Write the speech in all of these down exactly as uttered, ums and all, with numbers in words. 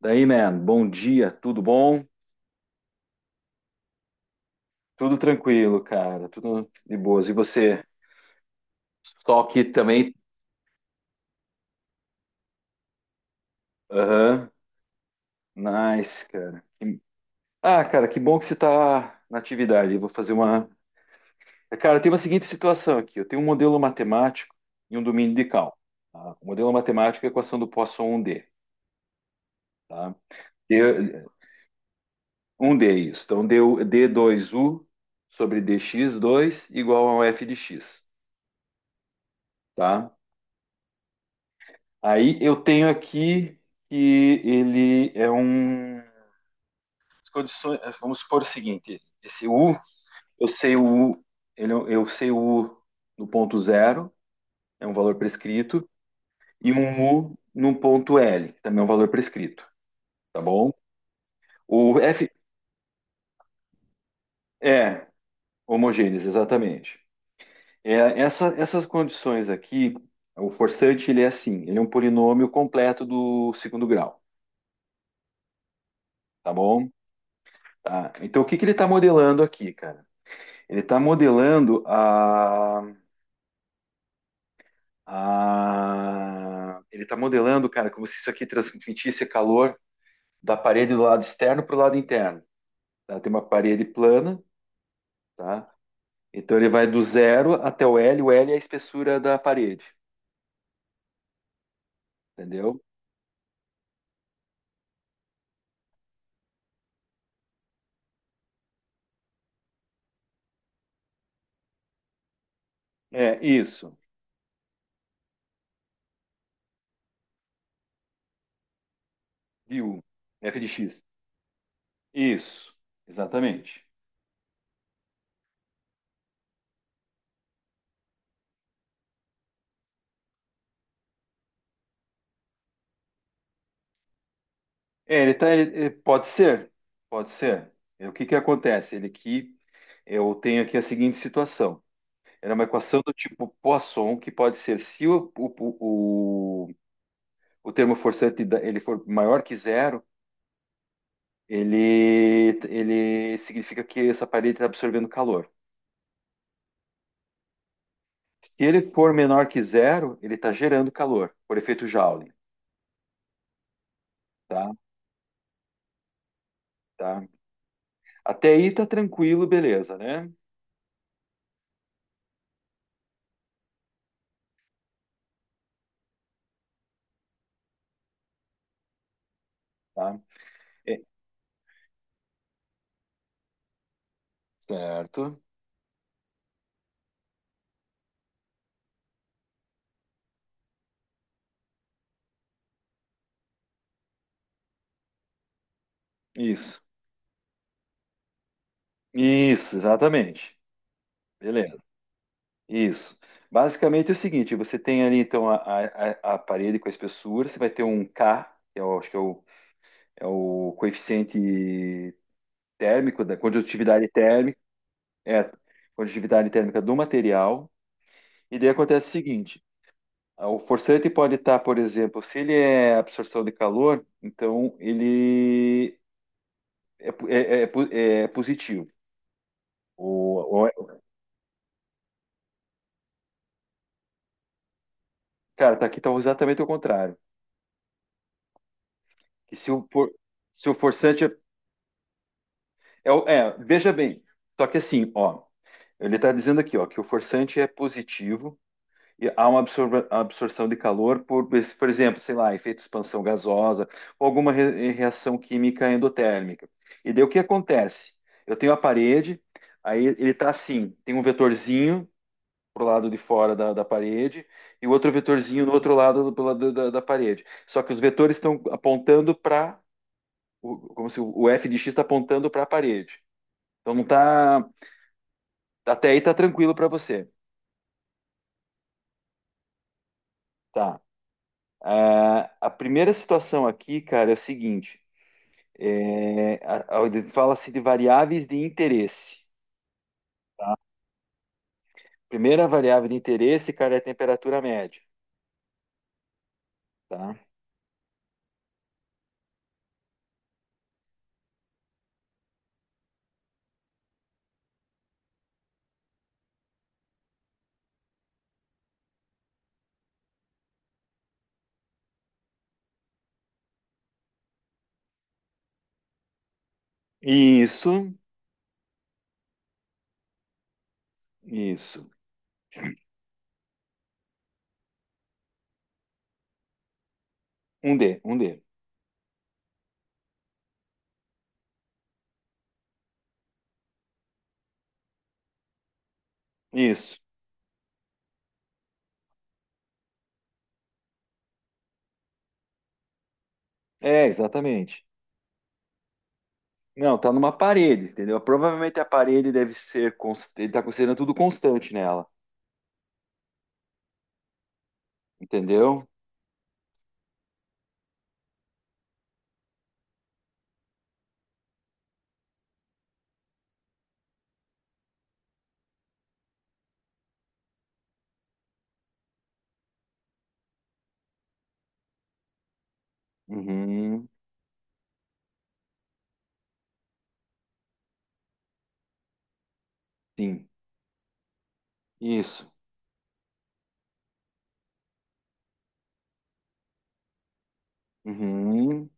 Daí, man, bom dia, tudo bom? Tudo tranquilo, cara, tudo de boas. E você? Só que também. Aham, nice, cara. Que- Ah, cara, que bom que você tá na atividade. Eu vou fazer uma. é, Cara, tem uma seguinte situação aqui: eu tenho um modelo matemático e um domínio de cálculo. Tá? O modelo matemático é a equação do Poisson um d. Tá? D- um D, isso. Então, deu d dois u sobre d x dois igual ao f de x, tá? Aí eu tenho aqui que ele é um. As condições- vamos supor o seguinte: esse U, eu sei o U, ele, é um, eu sei o U no ponto zero, é um valor prescrito, e um U no ponto L, que também é um valor prescrito, tá bom? O F é homogêneos, exatamente. É, essa, essas condições aqui, o forçante ele é assim, ele é um polinômio completo do segundo grau, tá bom? Tá. Então o que que ele está modelando aqui, cara? Ele tá modelando a, a- Ele tá modelando, cara, como se isso aqui transmitisse calor da parede do lado externo para o lado interno. Tá? Tem uma parede plana, tá? Então ele vai do zero até o L. O L é a espessura da parede, entendeu? É isso. De U. F de X. Isso. Exatamente. É, ele tá. Ele- ele- pode ser. Pode ser. É, o que que acontece? Ele aqui, eu tenho aqui a seguinte situação. Era uma equação do tipo Poisson, que pode ser se o, o, o, o termo forçante da- ele for maior que zero, ele, ele significa que essa parede está absorvendo calor. Se ele for menor que zero, ele está gerando calor, por efeito Joule, tá? Tá. Até aí tá tranquilo, beleza, né? Tá. É, certo. Isso. Isso, exatamente. Beleza. Isso. Basicamente é o seguinte, você tem ali então a, a, a a parede com a espessura, você vai ter um K, que eu acho que é o, é o coeficiente térmico, da condutividade térmica, é, condutividade térmica do material, e daí acontece o seguinte, a- o forçante pode estar, por exemplo, se ele é absorção de calor, então ele é, po- é, é, é po- é positivo. O, o- cara, tá aqui tá exatamente o contrário, que se o, for- se o forçante é É, o- é, veja bem, só que assim, ó, ele está dizendo aqui, ó, que o forçante é positivo e há uma absorva- absorção de calor por, por exemplo, sei lá, efeito expansão gasosa ou alguma re- reação química endotérmica. E daí o que acontece? Eu tenho a parede, aí ele está assim, tem um vetorzinho pro lado de fora da, da parede e o outro vetorzinho no outro lado do, pela- da, da- da parede. Só que os vetores estão apontando para, como se o o f de x está apontando para a parede. Então não está. Até aí tá tranquilo para você. Tá. Ah, a primeira situação aqui, cara, é o seguinte: é, a- a- fala-se de variáveis de interesse. Primeira variável de interesse, cara, é a temperatura média, tá? Isso, isso. Um D, um D. Isso. É, exatamente. Não, tá numa parede, entendeu? Provavelmente a parede deve ser. cons- Ele tá considerando tudo constante nela, entendeu? Uhum, sim. Isso. Uhum,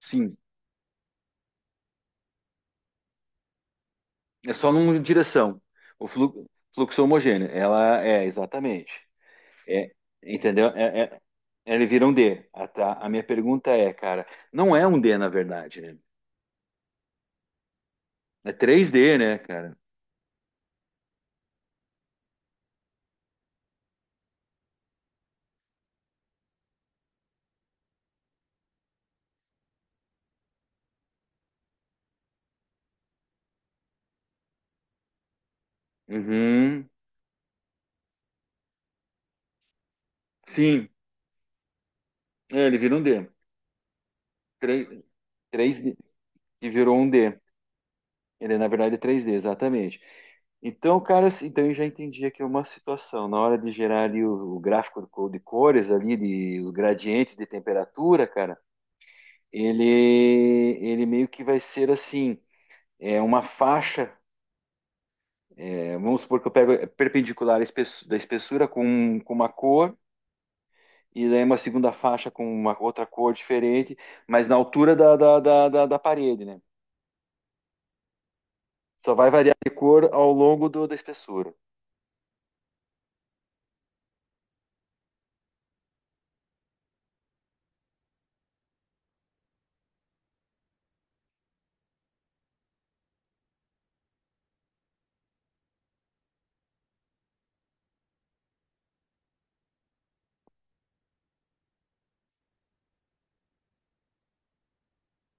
sim. É só numa direção. O flu- Fluxo homogêneo. Ela é, exatamente. É, entendeu? É, é- ele vira um D. Ah, tá. A minha pergunta é, cara, não é um D, na verdade, né? É três d, né, cara? Uhum. Sim, é, ele vira um D. Três 3D, que virou um D. Ele, na verdade, é três d, exatamente. Então, cara, assim, então eu já entendi aqui uma situação. Na hora de gerar ali o, o gráfico de cores ali, de, os gradientes de temperatura, cara, ele, ele meio que vai ser assim, é uma faixa, é, vamos supor que eu pego é, perpendicular à espesso- da espessura com, com uma cor, e daí é uma segunda faixa com uma outra cor diferente, mas na altura da, da, da, da, da parede, né? Só vai variar de cor ao longo do, da espessura.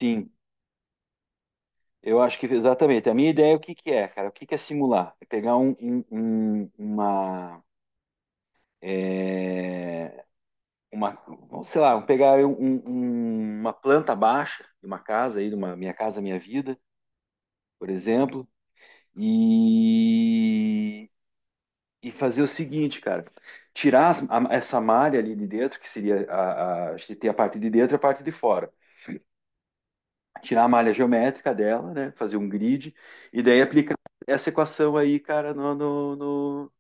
Sim, eu acho que exatamente. A minha ideia é o que que é, cara? O que que é simular? É pegar um, um- um- uma... é, uma, ou sei lá, vamos pegar um- um- uma planta baixa de uma casa aí, de uma Minha Casa Minha Vida, por exemplo, e, e fazer o seguinte, cara, tirar as- a- essa malha ali de dentro, que seria a, a, a gente tem a parte de dentro e a parte de fora. Tirar a malha geométrica dela, né? Fazer um grid, e daí aplicar essa equação aí, cara, no, no, no-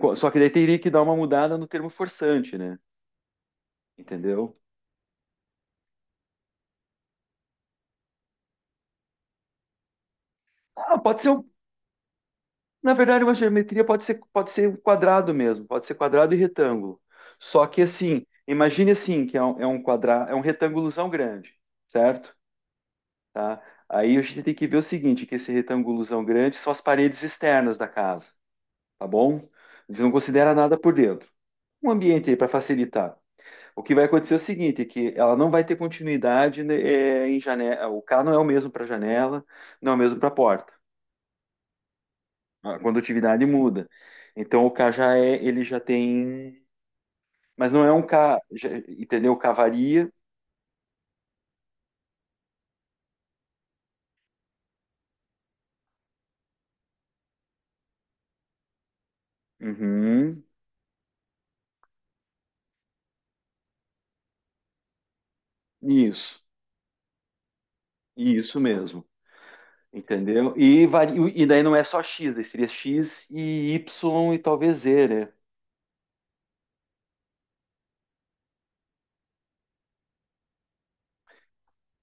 com- só que daí teria que dar uma mudada no termo forçante, né? Entendeu? Ah, pode ser, um- Na verdade, uma geometria pode ser, pode ser um quadrado mesmo, pode ser quadrado e retângulo. Só que assim, imagine assim, que é um, é um quadrado, é um retângulozão grande, certo? Tá? Aí a gente tem que ver o seguinte, que esse retângulozão grande são as paredes externas da casa, tá bom? A gente não considera nada por dentro. Um ambiente aí para facilitar. O que vai acontecer é o seguinte, que ela não vai ter continuidade, né, é, em janela, o K não é o mesmo para janela, não é o mesmo para porta. A condutividade muda. Então o K já é, ele já tem, mas não é um K, já- entendeu? K varia. Uhum, isso, isso mesmo, entendeu? E varia, e daí não é só X, daí seria X e Y e talvez Z, né?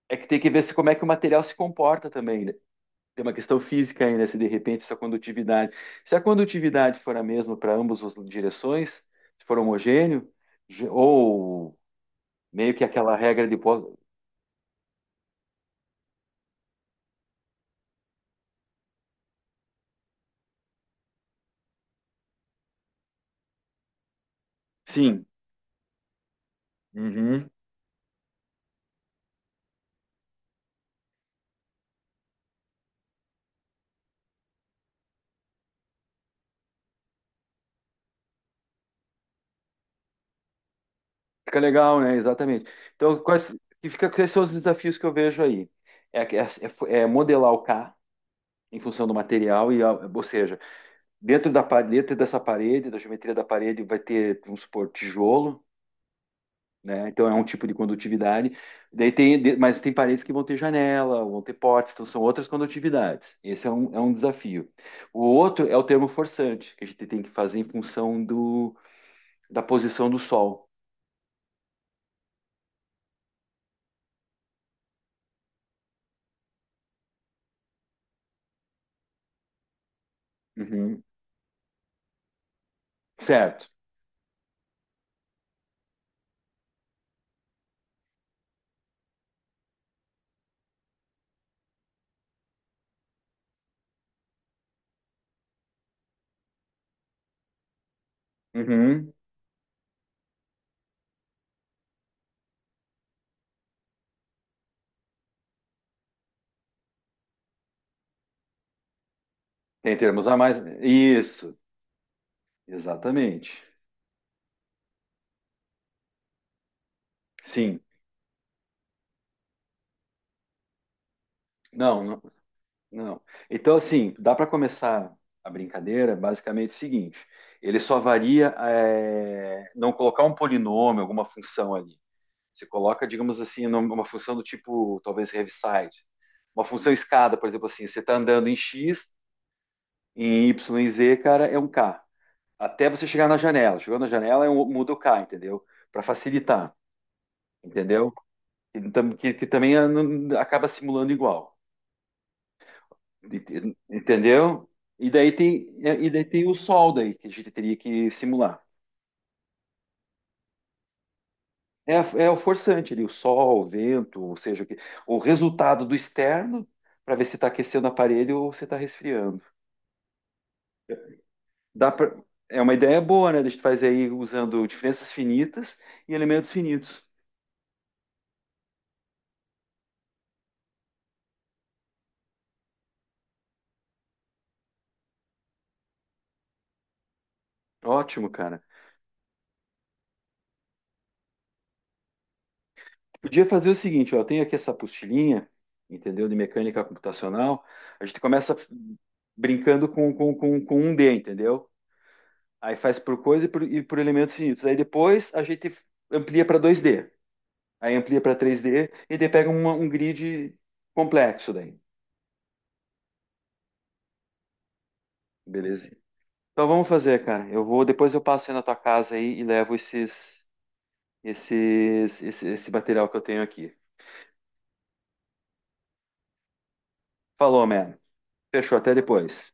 É que tem que ver se como é que o material se comporta também, né? Tem uma questão física aí, né? Se de repente essa condutividade, se a condutividade for a mesma para ambas as direções, se for homogêneo, ge- ou meio que aquela regra de Poisson. Sim. Uhum. Fica legal, né? Exatamente. Então, quais, que fica, quais são os desafios que eu vejo aí? É, é, É modelar o K em função do material, e, a- ou seja, dentro da parede, dentro dessa parede, da geometria da parede, vai ter, vamos supor, tijolo, né? Então é um tipo de condutividade. Daí tem, de- mas tem paredes que vão ter janela, vão ter potes, então são outras condutividades. Esse é um, é um desafio. O outro é o termo forçante, que a gente tem que fazer em função do, da posição do sol. Uhum. Certo. Uhum. Tem termos a mais. Isso, exatamente. Sim. Não, não, não. Então, assim, dá para começar a brincadeira basicamente o seguinte: ele só varia, é, não colocar um polinômio, alguma função ali. Você coloca, digamos assim, num- uma função do tipo, talvez, Heaviside. Uma função escada, por exemplo, assim, você está andando em X, em Y e Z, cara, é um K. Até você chegar na janela. Chegou na janela, é um, muda o K, entendeu? Para facilitar, entendeu? que, tam- que- que também, ah, não- acaba simulando igual. Ent- Entendeu? E daí tem, é, e daí tem o sol, daí que a gente teria que simular. É, a- é o forçante ali, o sol, o vento, ou seja, o, que- o resultado do externo para ver se está aquecendo o aparelho ou se está resfriando. Dá pra, é uma ideia boa, né? A gente faz aí usando diferenças finitas e elementos finitos. Ótimo, cara. Podia fazer o seguinte, ó, eu tenho aqui essa apostilinha, entendeu? De mecânica computacional. A gente começa brincando com, com, com, com um D, entendeu? Aí faz por coisa e por, e por elementos finitos. Aí depois a gente amplia para dois d. Aí amplia para três d e daí pega uma- um grid complexo daí. Beleza? Então vamos fazer, cara. Eu vou, depois eu passo aí na tua casa aí e levo esses, esses, esse, esse material que eu tenho aqui. Falou, man. Fechou, até depois.